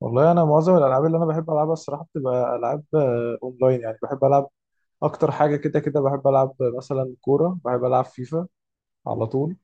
والله انا معظم الالعاب اللي انا بحب العبها الصراحه بتبقى العاب اونلاين، يعني بحب العب اكتر حاجه. كده كده بحب العب مثلا كوره، بحب العب فيفا على طول.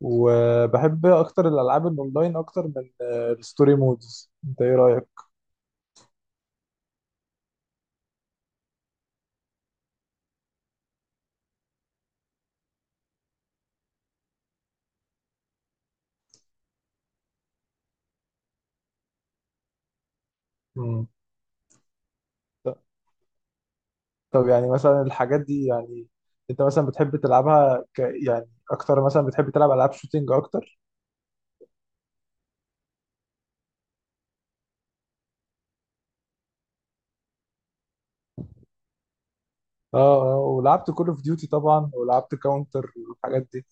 وبحب اكتر الالعاب الاونلاين اكتر من الستوري مودز. انت ايه رايك؟ مم. ط- طب يعني مثلا الحاجات دي يعني انت مثلا بتحب تلعبها يعني اكتر؟ مثلا بتحب تلعب العاب شوتينج اكتر؟ اه اه، ولعبت كول اوف ديوتي طبعا، ولعبت كاونتر والحاجات دي.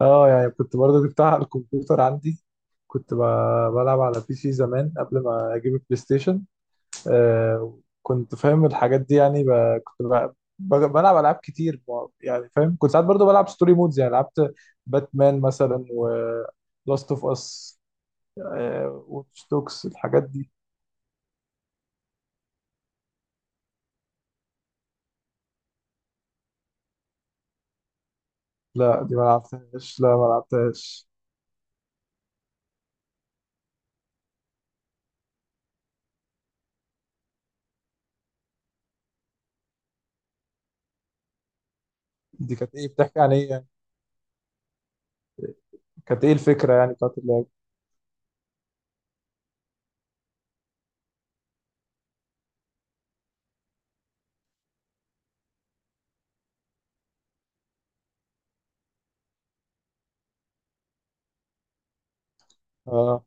اه يعني كنت برضه جبتها على الكمبيوتر عندي. كنت بلعب على بي سي زمان قبل ما اجيب البلاي ستيشن. كنت فاهم الحاجات دي يعني كنت ب... بلعب العاب كتير يعني فاهم. كنت ساعات برضو بلعب ستوري مودز، يعني لعبت باتمان مثلا، و لاست اوف اس، واتش دوكس، الحاجات دي. لا، دي ما لعبتهاش، لا ما لعبتهاش. دي كانت ايه؟ بتحكي عن ايه يعني؟ كانت ايه الفكرة يعني بتاعت اللعبة؟ اه.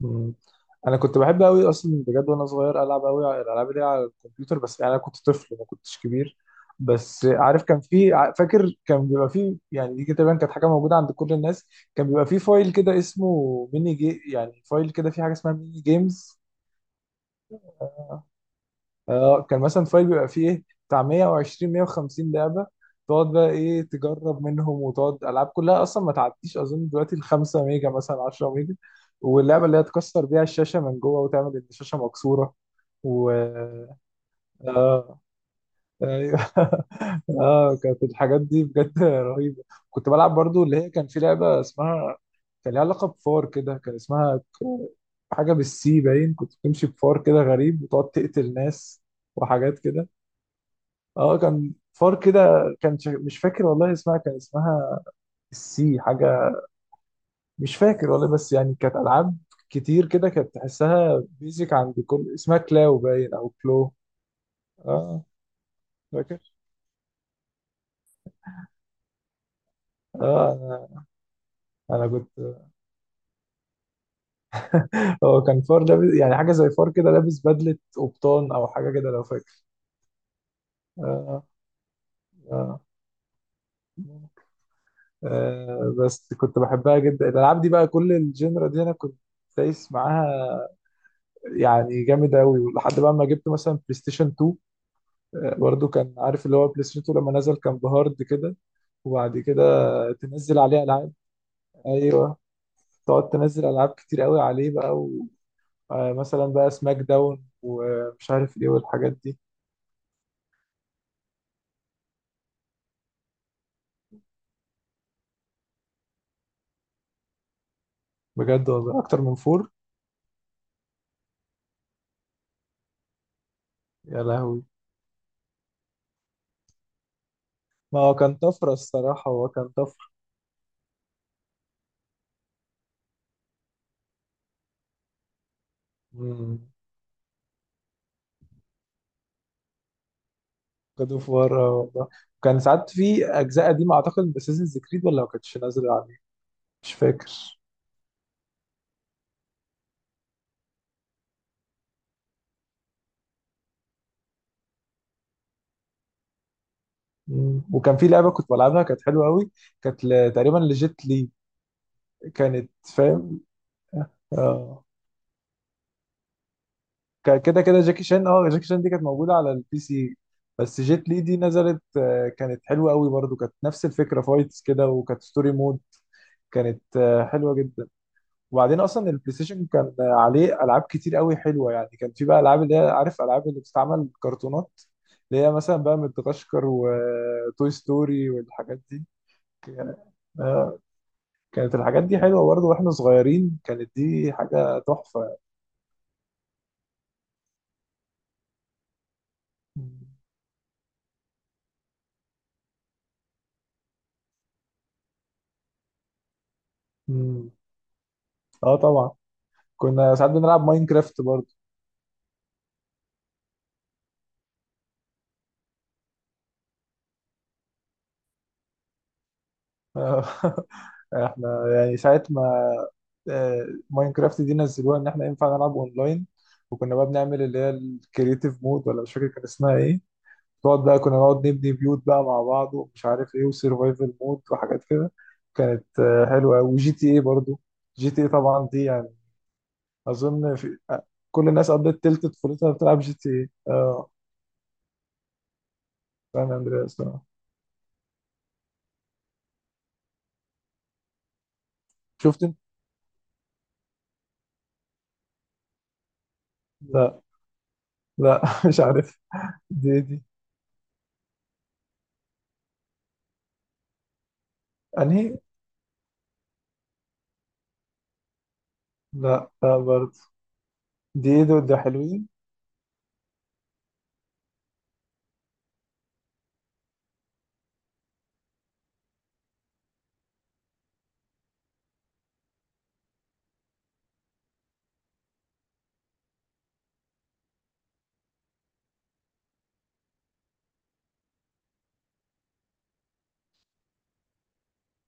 مم. انا كنت بحب قوي اصلا، بجد، وانا صغير العب قوي على الالعاب اللي هي على الكمبيوتر، بس يعني انا كنت طفل ما كنتش كبير. بس عارف كان في فاكر كان بيبقى في، يعني دي كده تقريبا كانت حاجه موجوده عند كل الناس. كان بيبقى في فايل كده اسمه ميني جي، يعني فايل كده، في حاجه اسمها ميني جيمز. اه كان مثلا فايل بيبقى فيه ايه، بتاع 120 150 لعبه. تقعد بقى ايه تجرب منهم، وتقعد العاب كلها اصلا ما تعديش اظن دلوقتي ال 5 ميجا، مثلا 10 ميجا. واللعبه اللي هي تكسر بيها الشاشه من جوه وتعمل ان الشاشه مكسوره و... اه ايوه اه كانت الحاجات دي بجد رهيبه. كنت بلعب برضو اللي هي كان في لعبه اسمها، كان ليها علاقه بفار كده، كان اسمها حاجه بالسي باين، كنت بتمشي بفار كده غريب، وتقعد تقتل ناس وحاجات كده. اه كان فار كده. كان مش فاكر والله اسمها، كان اسمها السي حاجه، مش فاكر والله، بس يعني كانت العاب كتير كده، كانت تحسها بيزك عند كل اسمها كلاو باين او كلو. اه فاكر، اه. انا كنت، هو كان فار لابس، يعني حاجه زي فار كده لابس بدله قبطان او حاجه كده لو فاكر. اه اه. بس كنت بحبها جدا الالعاب دي، بقى كل الجينرا دي انا كنت دايس معاها، يعني جامد قوي، لحد بقى ما جبت مثلا بلاي ستيشن 2. برضو كان عارف اللي هو بلاي ستيشن 2 لما نزل كان بهارد كده، وبعد كده تنزل عليه العاب. ايوه، تقعد تنزل العاب كتير قوي عليه بقى، ومثلا بقى سماك داون ومش عارف ايه والحاجات دي. بجد والله اكتر من فور؟ يا لهوي. ما هو كان طفره الصراحه، هو كان طفره. امم. جاد اوف وار والله. كان ساعات في اجزاء قديمه، اعتقد باساسنز كريد، ولا ما كانتش نازله عليه، مش فاكر. مم. وكان في لعبه كنت بلعبها كانت حلوه قوي، كانت تقريبا لجيت لي، كانت... فاهم. اه كده كده جاكي شان، جاكي شان دي كانت موجودة على البي سي، بس جيت لي دي نزلت، كانت حلوة قوي برضو، كانت نفس الفكرة، فايتس كده، وكانت ستوري مود. كانت حلوة جدا. وبعدين اصلا البلاي ستيشن كان عليه العاب كتير قوي حلوة. يعني كان في بقى العاب اللي هي عارف العاب اللي بتستعمل كرتونات، اللي هي مثلا بقى مدغشقر وتوي ستوري والحاجات دي. كان- آه، كانت الحاجات دي حلوة برضو، واحنا صغيرين كانت دي حاجة تحفة. مم. اه طبعا، كنا ساعات بنلعب ماينكرافت برضه. آه، احنا يعني ساعة ما ماينكرافت دي نزلوها ان احنا ينفع نلعب اونلاين. وكنا بقى بنعمل اللي هي الكرييتيف مود، ولا مش فاكر كان اسمها ايه، تقعد بقى كنا نقعد نبني بيوت بقى مع بعض ومش عارف ايه، وسرفايفل مود وحاجات كده. كانت حلوة أوي. وجي تي ايه برضه، جي تي ايه طبعا دي يعني اظن في كل الناس قضت تلت طفولتها بتلعب جي تي ايه، اه. سان اندرياس. شفت انت؟ لا. لا مش عارف. دي انهي؟ لا لا برضه دي دول، ده حلوين.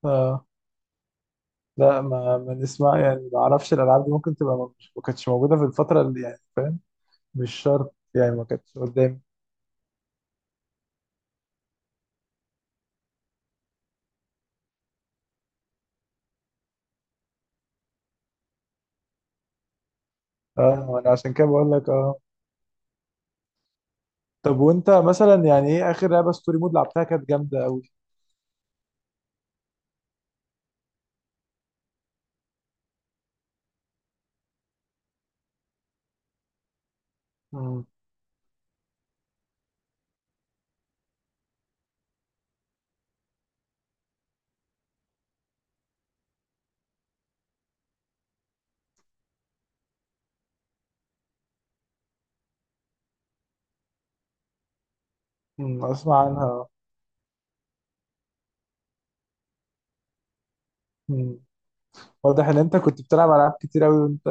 اه لا، ما نسمع يعني، ما اعرفش الالعاب دي ممكن تبقى مش، ما كانتش موجوده في الفتره اللي يعني فاهم، مش شرط يعني ما كانتش قدامي. اه انا عشان كده بقول لك. اه طب وانت مثلا يعني ايه اخر لعبه ستوري مود لعبتها كانت جامده قوي؟ امم. اسمع عنها. أمم. واضح ان انت كنت بتلعب العاب كتير قوي وانت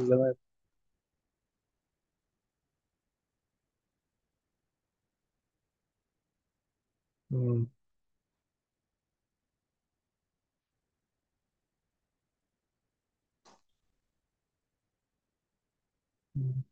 زمان. امم.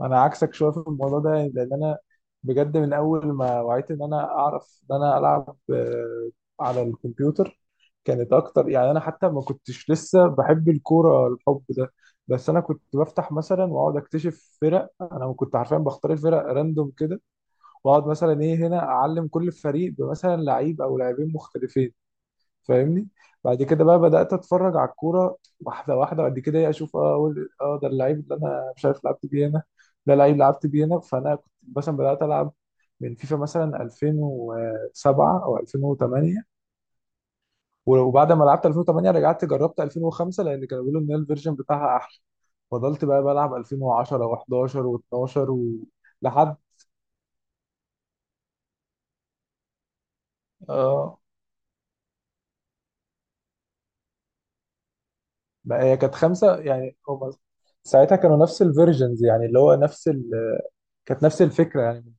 انا عكسك شويه في الموضوع ده، لان انا بجد من اول ما وعيت ان انا اعرف ان انا العب على الكمبيوتر كانت اكتر. يعني انا حتى ما كنتش لسه بحب الكوره الحب ده، بس انا كنت بفتح مثلا واقعد اكتشف فرق، انا كنت حرفيا بختار الفرق راندوم كده، واقعد مثلا ايه هنا اعلم كل فريق بمثلا لعيب او لاعبين مختلفين، فاهمني. بعد كده بقى بدأت اتفرج على الكورة واحدة واحدة، بعد كده إيه اشوف اه أقول اه ده اللعيب اللي انا مش عارف لعبت بيه هنا، ده لعيب لعبت بيه هنا. فانا كنت مثلا بدأت العب من فيفا مثلا 2007 او 2008، وبعد ما لعبت 2008 رجعت جربت 2005 لان كانوا بيقولوا ان الفيرجن بتاعها احلى. فضلت بقى بلعب 2010 و11 و12 و... لحد اه. بقى هي كانت خمسة يعني، هما ساعتها كانوا نفس الفيرجنز، يعني اللي هو نفس ال... كانت نفس الفكرة يعني.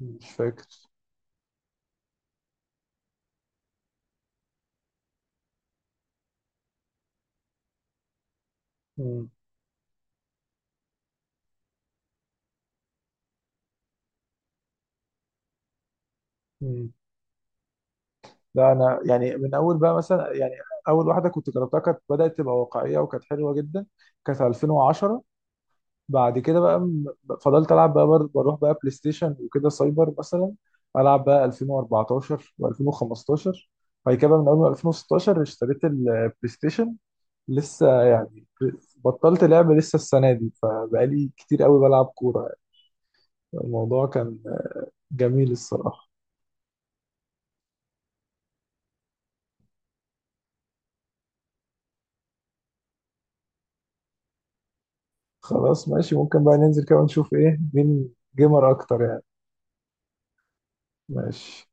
مش فاكر. مم. مم. لا انا يعني من اول بقى مثلا يعني اول واحده كنت جربتها كانت بدات تبقى واقعيه وكانت حلوه جدا، كانت 2010. بعد كده بقى فضلت العب بقى بروح بقى بلاي ستيشن وكده سايبر مثلا، العب بقى 2014 و2015. بعد كده بقى من اول 2016 اشتريت البلاي ستيشن، لسه يعني بطلت لعب لسه السنه دي، فبقالي كتير قوي بلعب كوره. الموضوع كان جميل الصراحه. خلاص ماشي، ممكن بقى ننزل كده ونشوف ايه مين جيمر اكتر يعني. ماشي.